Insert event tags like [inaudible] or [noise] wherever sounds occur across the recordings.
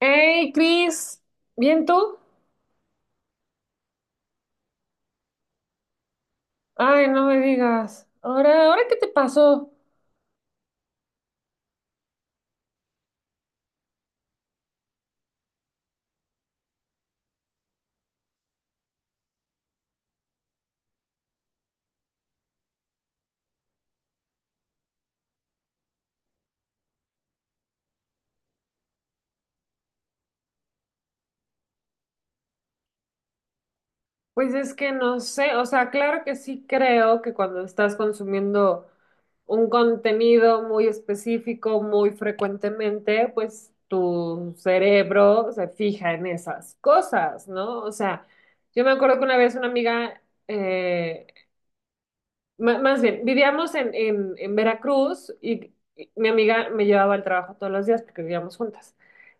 Hey, Cris, ¿bien tú? Ay, no me digas. Ahora, ¿ahora qué te pasó? Pues es que no sé, o sea, claro que sí creo que cuando estás consumiendo un contenido muy específico, muy frecuentemente, pues tu cerebro se fija en esas cosas, ¿no? O sea, yo me acuerdo que una vez una amiga eh, más bien, vivíamos en Veracruz y mi amiga me llevaba al trabajo todos los días porque vivíamos juntas.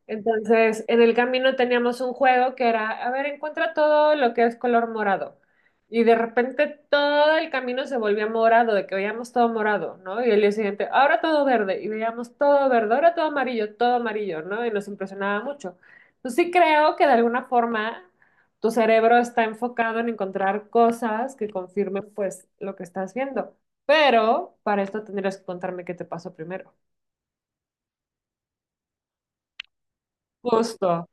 Entonces, en el camino teníamos un juego que era, a ver, encuentra todo lo que es color morado. Y de repente todo el camino se volvía morado, de que veíamos todo morado, ¿no? Y el día siguiente, ahora todo verde, y veíamos todo verde, ahora todo amarillo, ¿no? Y nos impresionaba mucho. Entonces sí creo que de alguna forma tu cerebro está enfocado en encontrar cosas que confirmen pues lo que estás viendo. Pero para esto tendrías que contarme qué te pasó primero. Justo,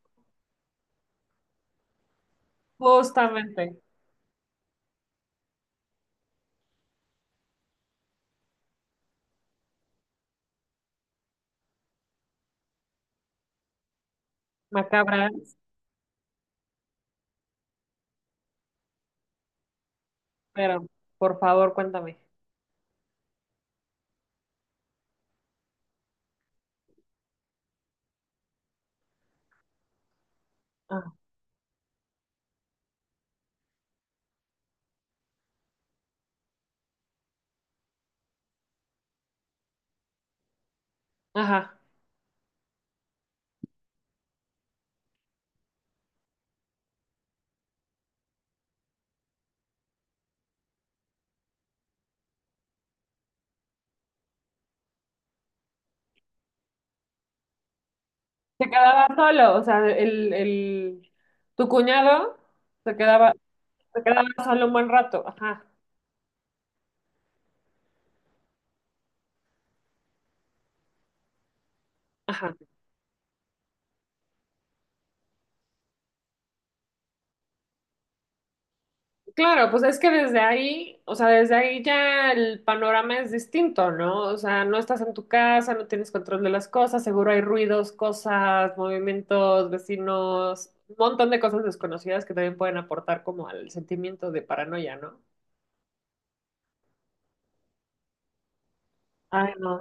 justamente, macabras, pero por favor cuéntame. Ah, ajá. Se quedaba solo, o sea, tu cuñado se quedaba, se quedaba solo un buen rato. Ajá, ajá. Claro, pues es que desde ahí, o sea, desde ahí ya el panorama es distinto, ¿no? O sea, no estás en tu casa, no tienes control de las cosas, seguro hay ruidos, cosas, movimientos, vecinos, un montón de cosas desconocidas que también pueden aportar como al sentimiento de paranoia, ¿no? Ay, no.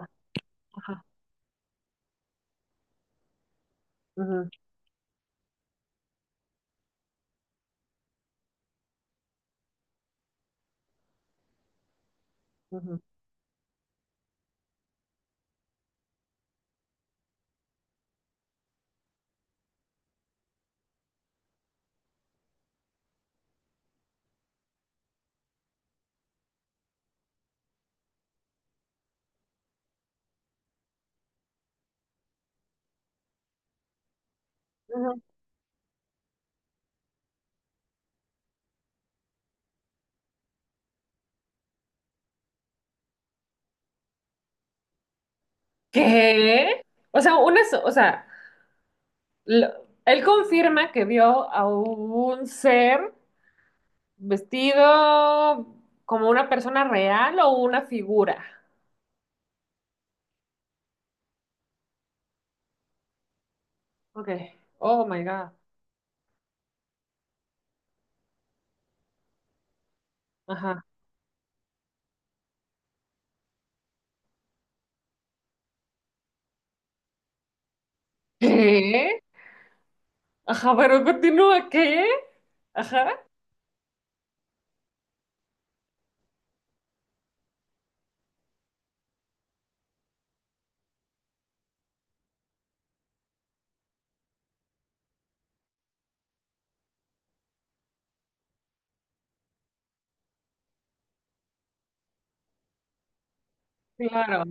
Ajá. Ujú, ujú, ujú. ¿Qué? O sea, o sea, lo- él confirma que vio a un ser. Vestido como una persona real o una figura. Ok. Oh my God. Ajá. ¿Qué? Ajá, pero continúa, ¿qué? Ajá. Claro.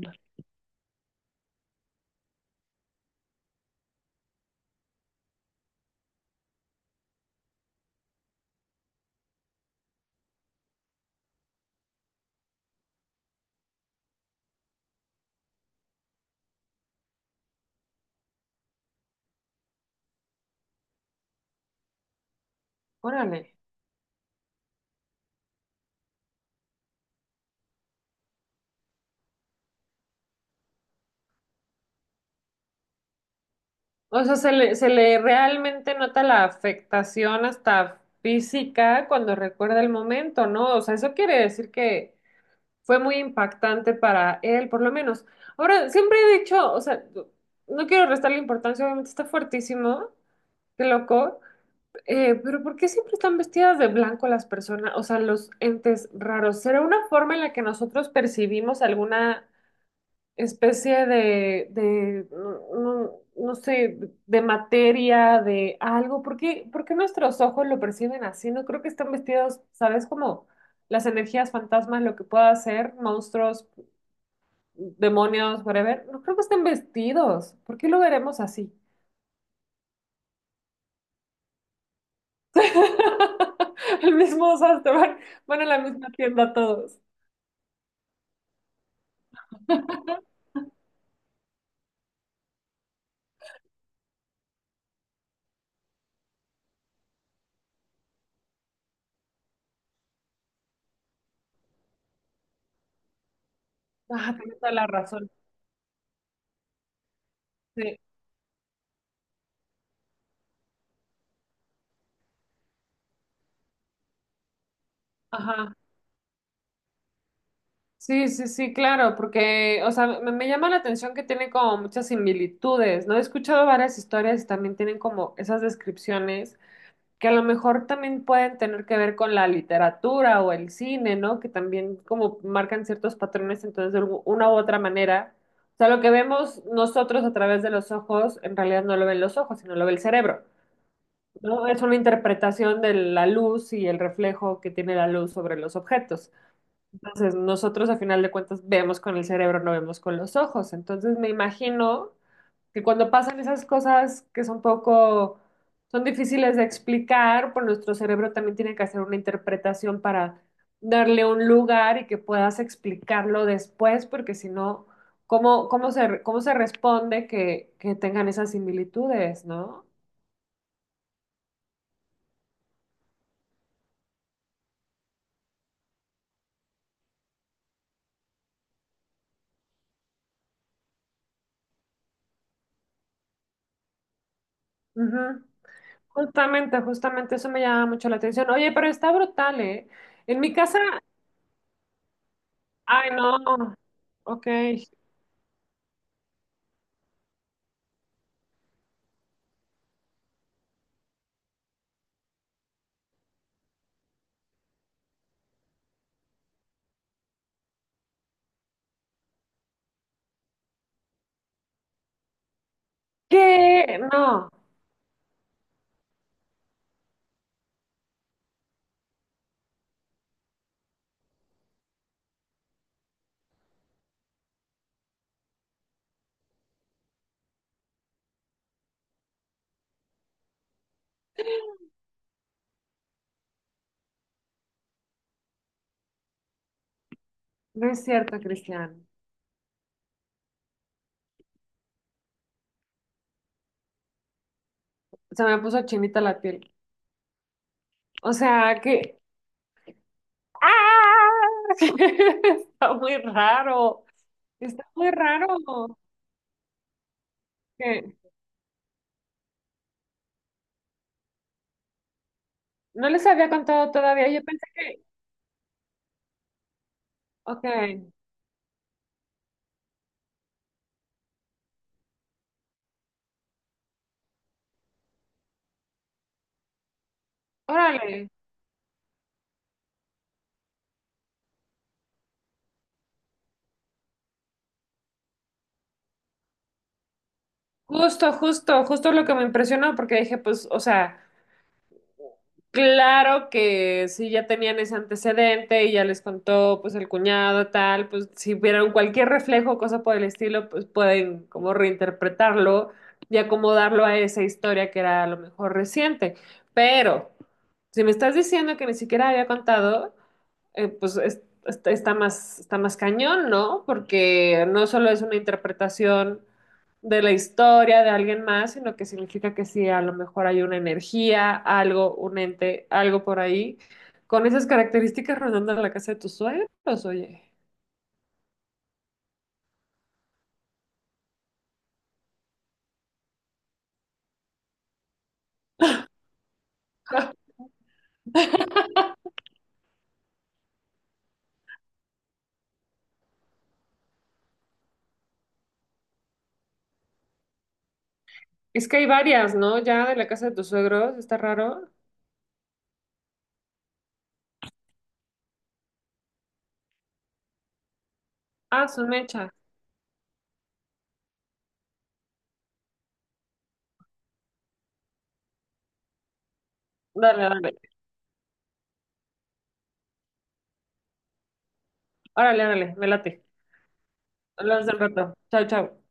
Órale. O sea, se le realmente nota la afectación hasta física cuando recuerda el momento, ¿no? O sea, eso quiere decir que fue muy impactante para él, por lo menos. Ahora, siempre he dicho, o sea, no quiero restarle importancia, obviamente está fuertísimo, qué loco. Pero ¿por qué siempre están vestidas de blanco las personas, o sea, los entes raros? ¿Será una forma en la que nosotros percibimos alguna especie no sé, de materia, de algo? Por qué nuestros ojos lo perciben así? No creo que están vestidos, ¿sabes? Como las energías fantasmas, lo que pueda ser, monstruos, demonios, whatever. No creo que estén vestidos. ¿Por qué lo veremos así? [laughs] El mismo, o sea, te van, van a la misma tienda todos. Ah, tienes toda la razón. Sí, ajá. Sí, sí, sí, claro, porque, o sea, me llama la atención que tiene como muchas similitudes, ¿no? He escuchado varias historias y también tienen como esas descripciones que a lo mejor también pueden tener que ver con la literatura o el cine, ¿no? Que también como marcan ciertos patrones, entonces una u otra manera. O sea, lo que vemos nosotros a través de los ojos, en realidad no lo ven los ojos, sino lo ve el cerebro. ¿No? Es una interpretación de la luz y el reflejo que tiene la luz sobre los objetos. Entonces, nosotros a final de cuentas vemos con el cerebro, no vemos con los ojos. Entonces, me imagino que cuando pasan esas cosas que son poco, son difíciles de explicar, pues nuestro cerebro también tiene que hacer una interpretación para darle un lugar y que puedas explicarlo después, porque si no, ¿cómo, cómo se responde que tengan esas similitudes, ¿no? Ujú. Justamente, justamente eso me llama mucho la atención. Oye, pero está brutal, ¿eh? En mi casa, ay, no. Ok. ¿Qué? No, no es cierto, Cristian. Se me puso chinita la piel. O sea, que... ¡Ah! [laughs] Está muy raro. Está muy raro. ¿Qué? No les había contado todavía. Yo pensé que... Ok. Órale. Justo, justo, justo lo que me impresionó porque dije, pues, o sea... Claro que si ya tenían ese antecedente y ya les contó pues el cuñado tal, pues si vieron cualquier reflejo o cosa por el estilo, pues pueden como reinterpretarlo y acomodarlo a esa historia que era a lo mejor reciente. Pero si me estás diciendo que ni siquiera había contado, pues está, está más cañón, ¿no? Porque no solo es una interpretación de la historia de alguien más, sino que significa que sí, a lo mejor hay una energía, algo, un ente, algo por ahí, con esas características rondando la casa de tus suegros, oye. Es que hay varias, ¿no? Ya de la casa de tus suegros, está raro. Ah, son mecha. Dale, dale. Órale, órale, me late. Hablamos del rato. Chao, chao.